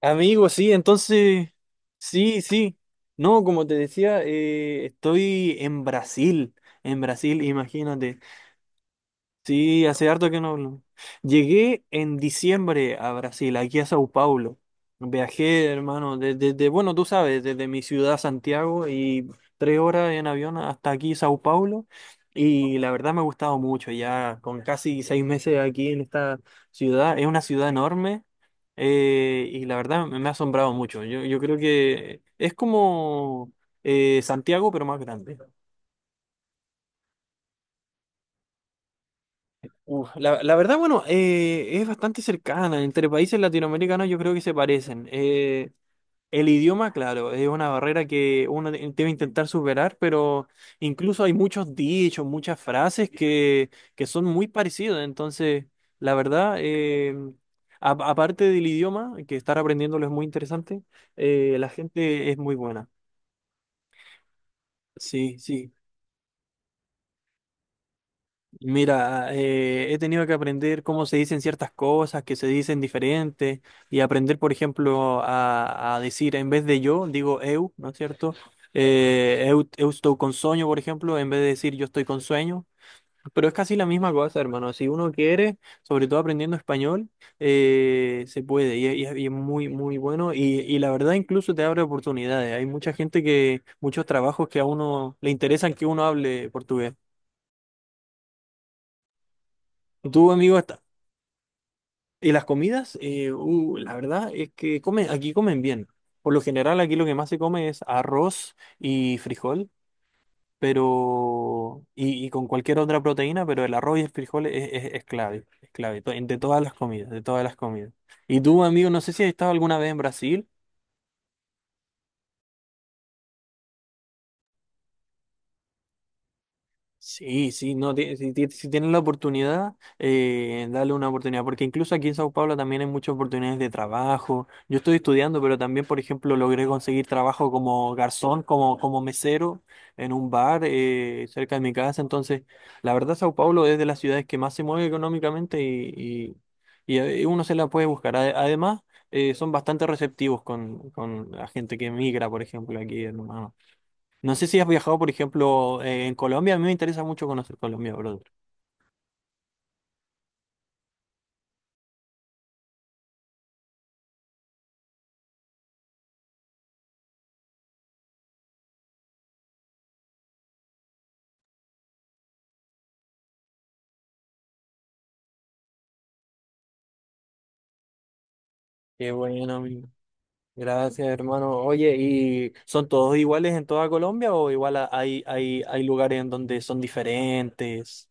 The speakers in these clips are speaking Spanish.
Amigo, sí, entonces, sí, sí. No, como te decía, estoy en Brasil, imagínate. Sí, hace harto que no hablo. Llegué en diciembre a Brasil, aquí a Sao Paulo. Viajé, hermano, desde, bueno, tú sabes, desde mi ciudad Santiago y 3 horas en avión hasta aquí Sao Paulo. Y la verdad me ha gustado mucho, ya con casi 6 meses aquí en esta ciudad. Es una ciudad enorme, y la verdad me ha asombrado mucho. Yo creo que es como Santiago, pero más grande. Uf, la verdad, bueno, es bastante cercana. Entre países latinoamericanos yo creo que se parecen. El idioma, claro, es una barrera que uno debe intentar superar, pero incluso hay muchos dichos, muchas frases que son muy parecidas. Entonces, la verdad, aparte del idioma, que estar aprendiéndolo es muy interesante, la gente es muy buena. Sí, sí. Mira, he tenido que aprender cómo se dicen ciertas cosas, que se dicen diferentes, y aprender, por ejemplo, a decir en vez de yo, digo eu, ¿no es cierto? Eu estou con sueño, por ejemplo, en vez de decir yo estoy con sueño. Pero es casi la misma cosa, hermano. Si uno quiere, sobre todo aprendiendo español, se puede, y es muy, muy bueno. Y la verdad, incluso te abre oportunidades. Hay mucha gente que, muchos trabajos que a uno le interesan que uno hable portugués. ¿Tú, amigo, has...? Y las comidas, la verdad es que comen, aquí comen bien. Por lo general, aquí lo que más se come es arroz y frijol, pero y con cualquier otra proteína, pero el arroz y el frijol es clave, es clave de todas las comidas, de todas las comidas. Y tú, amigo, no sé si has estado alguna vez en Brasil. Sí, sí, no, si tienen la oportunidad, dale una oportunidad, porque incluso aquí en Sao Paulo también hay muchas oportunidades de trabajo. Yo estoy estudiando, pero también, por ejemplo, logré conseguir trabajo como garzón, como mesero en un bar, cerca de mi casa. Entonces, la verdad, Sao Paulo es de las ciudades que más se mueve económicamente y uno se la puede buscar. Además, son bastante receptivos con la gente que migra, por ejemplo, aquí en Humano. No sé si has viajado, por ejemplo, en Colombia. A mí me interesa mucho conocer Colombia, brother. Qué bueno, amigo. Gracias, hermano. Oye, ¿y son todos iguales en toda Colombia o igual hay lugares en donde son diferentes?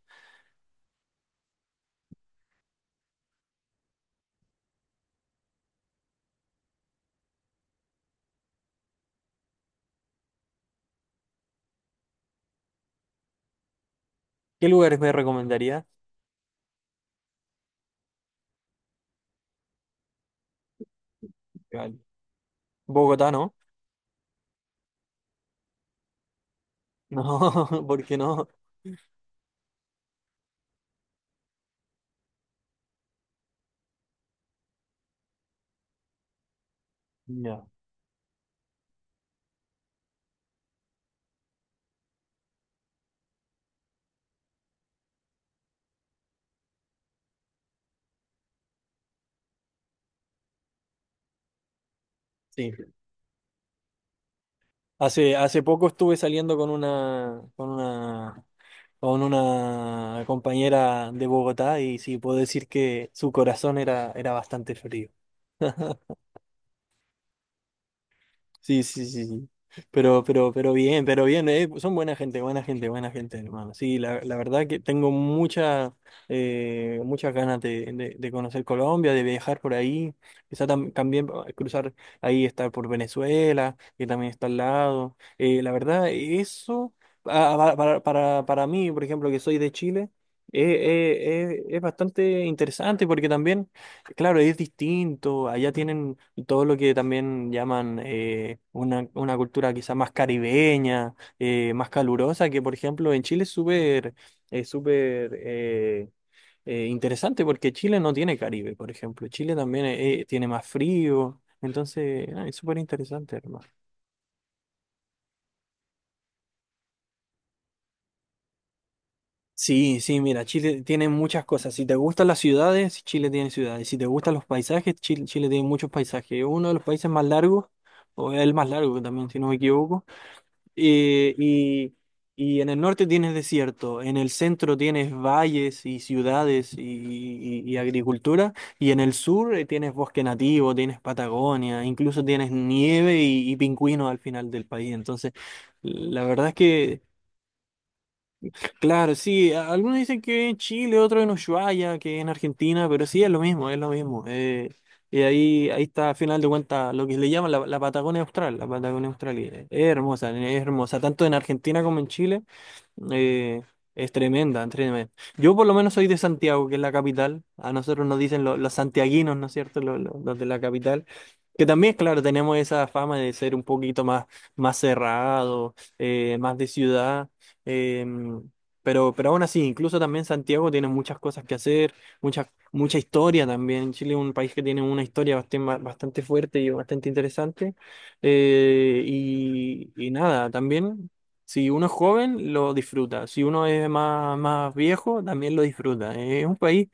¿Qué lugares me recomendaría? Vale. Bogotá, ¿no? No, ¿por qué no? Ya. Sí. Hace poco estuve saliendo con una compañera de Bogotá y sí, puedo decir que su corazón era bastante frío. Sí, sí, sí, sí. Pero bien, pero bien, son buena gente, buena gente, buena gente, hermano. Sí, la verdad que tengo mucha, muchas ganas de conocer Colombia, de viajar por ahí. Quizá también cruzar ahí, estar por Venezuela, que también está al lado. La verdad, eso, para mí, por ejemplo, que soy de Chile, es bastante interesante porque también... Claro, es distinto. Allá tienen todo lo que también llaman una cultura quizá más caribeña, más calurosa, que por ejemplo en Chile es súper interesante porque Chile no tiene Caribe, por ejemplo. Chile también tiene más frío. Entonces, es súper interesante, hermano. Sí, sí, mira, Chile tiene muchas cosas. Si te gustan las ciudades, Chile tiene ciudades. Si te gustan los paisajes, Chile tiene muchos paisajes. Es uno de los países más largos, o es el más largo también, si no me equivoco. Eh, y, y en el norte tienes desierto, en el centro tienes valles y ciudades y agricultura, y en el sur tienes bosque nativo, tienes Patagonia, incluso tienes nieve y pingüinos al final del país. Entonces, la verdad es que... Claro, sí, algunos dicen que en Chile, otros en Ushuaia, que en Argentina, pero sí es lo mismo, es lo mismo. Y ahí está, al final de cuentas, lo que le llaman la Patagonia Austral, la Patagonia Austral, y es hermosa, tanto en Argentina como en Chile. Eh, es tremenda, tremenda. Yo por lo menos soy de Santiago, que es la capital. A nosotros nos dicen los santiaguinos, ¿no es cierto? Los de la capital. Que también, claro, tenemos esa fama de ser un poquito más, más cerrado, más de ciudad. eh, pero aún así, incluso también Santiago tiene muchas cosas que hacer, mucha, mucha historia también. Chile es un país que tiene una historia bastante, bastante fuerte y bastante interesante. Y nada, también. Si uno es joven, lo disfruta. Si uno es más, más viejo, también lo disfruta. Es un país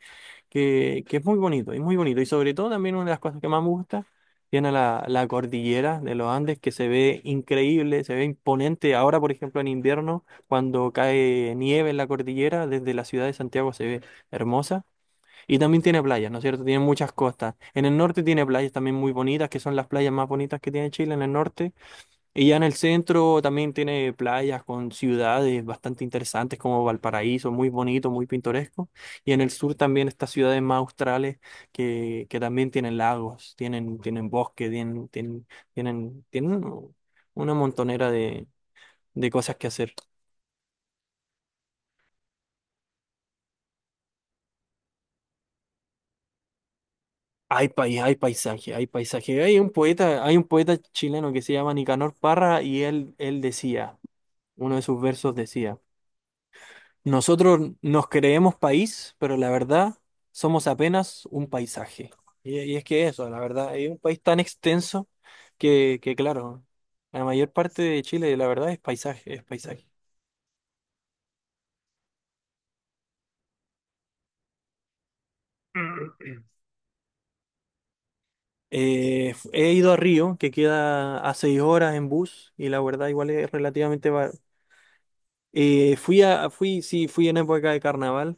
que es muy bonito, es muy bonito. Y sobre todo también una de las cosas que más me gusta, tiene la cordillera de los Andes que se ve increíble, se ve imponente. Ahora, por ejemplo, en invierno, cuando cae nieve en la cordillera, desde la ciudad de Santiago se ve hermosa. Y también tiene playas, ¿no es cierto? Tiene muchas costas. En el norte tiene playas también muy bonitas, que son las playas más bonitas que tiene Chile en el norte y ya en el centro también tiene playas con ciudades bastante interesantes como Valparaíso, muy bonito, muy pintoresco. Y en el sur también estas ciudades más australes que también tienen lagos, tienen bosque, tienen una montonera de cosas que hacer. Hay país, hay paisaje, hay paisaje. Hay un poeta chileno que se llama Nicanor Parra y él decía, uno de sus versos decía. Nosotros nos creemos país, pero la verdad somos apenas un paisaje. Y es que eso, la verdad, es un país tan extenso que, claro, la mayor parte de Chile, la verdad, es paisaje, es paisaje. He ido a Río, que queda a 6 horas en bus, y la verdad igual es relativamente ba-. Fui, sí, fui en época de carnaval.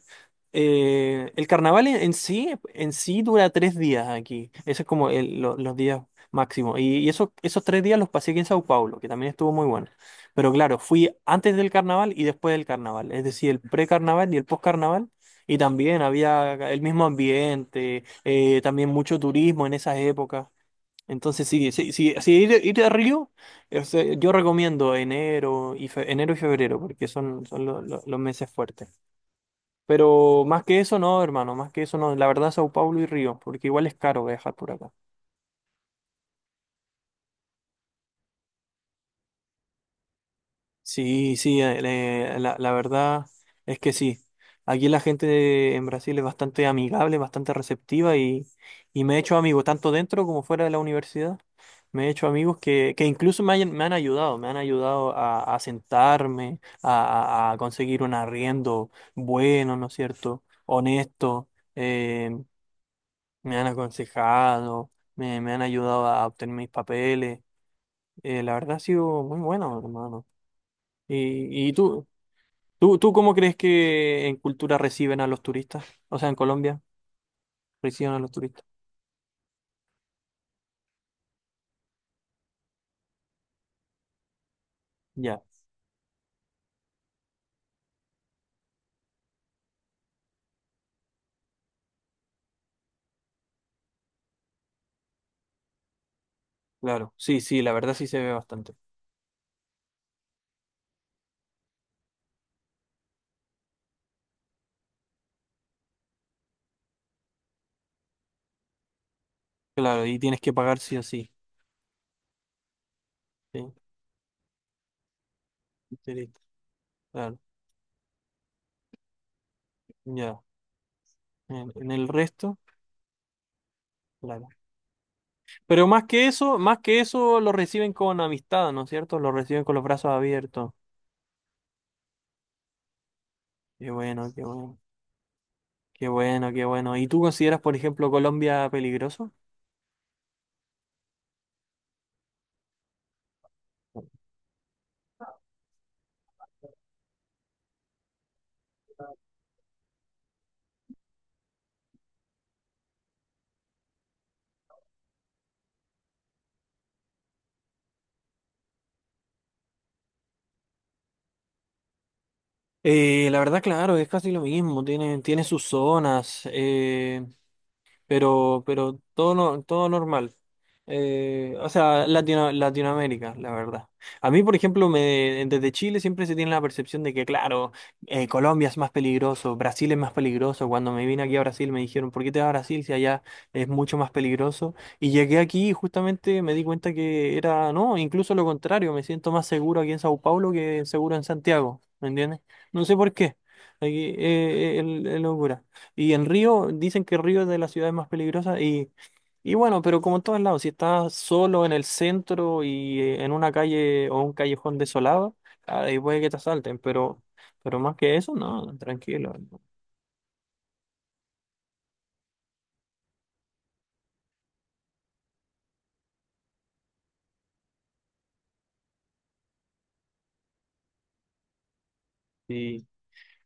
El carnaval en sí dura 3 días aquí. Ese es como los días máximos. Y esos 3 días los pasé aquí en Sao Paulo, que también estuvo muy bueno. Pero claro, fui antes del carnaval y después del carnaval. Es decir, el precarnaval y el postcarnaval. Y también había el mismo ambiente, también mucho turismo en esas épocas. Entonces sí, sí, sí, sí, ir a Río, o sea, yo recomiendo enero y febrero, porque son los meses fuertes. Pero más que eso no, hermano, más que eso no, la verdad Sao Paulo y Río, porque igual es caro viajar por acá. Sí, sí, la verdad es que sí. Aquí la gente en Brasil es bastante amigable, bastante receptiva y me he hecho amigos, tanto dentro como fuera de la universidad. Me he hecho amigos que incluso me han ayudado, me han ayudado a sentarme, a conseguir un arriendo bueno, ¿no es cierto? Honesto. eh, me han aconsejado, me han ayudado a obtener mis papeles. La verdad ha sido muy bueno, hermano. ¿Y tú? ¿Tú cómo crees que en cultura reciben a los turistas? O sea, en Colombia reciben a los turistas. Ya, claro. Sí, sí, la verdad sí se ve bastante. Claro, y tienes que pagar sí o sí. Sí, turista, claro. Ya. En el resto, claro. Pero más que eso lo reciben con amistad, ¿no es cierto? Lo reciben con los brazos abiertos. Qué bueno, qué bueno. Qué bueno, qué bueno. ¿Y tú consideras, por ejemplo, Colombia peligroso? La verdad, claro, es casi lo mismo. Tiene sus zonas. Pero todo, no, todo normal. O sea, Latinoamérica, la verdad. A mí, por ejemplo, desde Chile siempre se tiene la percepción de que, claro, Colombia es más peligroso, Brasil es más peligroso. Cuando me vine aquí a Brasil me dijeron, ¿por qué te vas a Brasil si allá es mucho más peligroso? Y llegué aquí y justamente me di cuenta que era, no, incluso lo contrario, me siento más seguro aquí en Sao Paulo que seguro en Santiago, ¿me entiendes? No sé por qué. Aquí, es locura. Y en Río, dicen que Río es de las ciudades más peligrosas y bueno, pero como en todos lados, si estás solo en el centro y en una calle o un callejón desolado, ahí puede que te asalten, pero más que eso, no, tranquilo. No. Sí.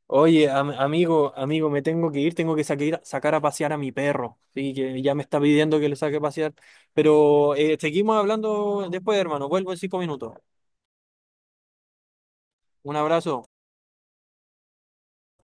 Oye, amigo, me tengo que ir, tengo que sacar a pasear a mi perro, sí, que ya me está pidiendo que le saque a pasear, pero seguimos hablando después, hermano, vuelvo en 5 minutos. Un abrazo.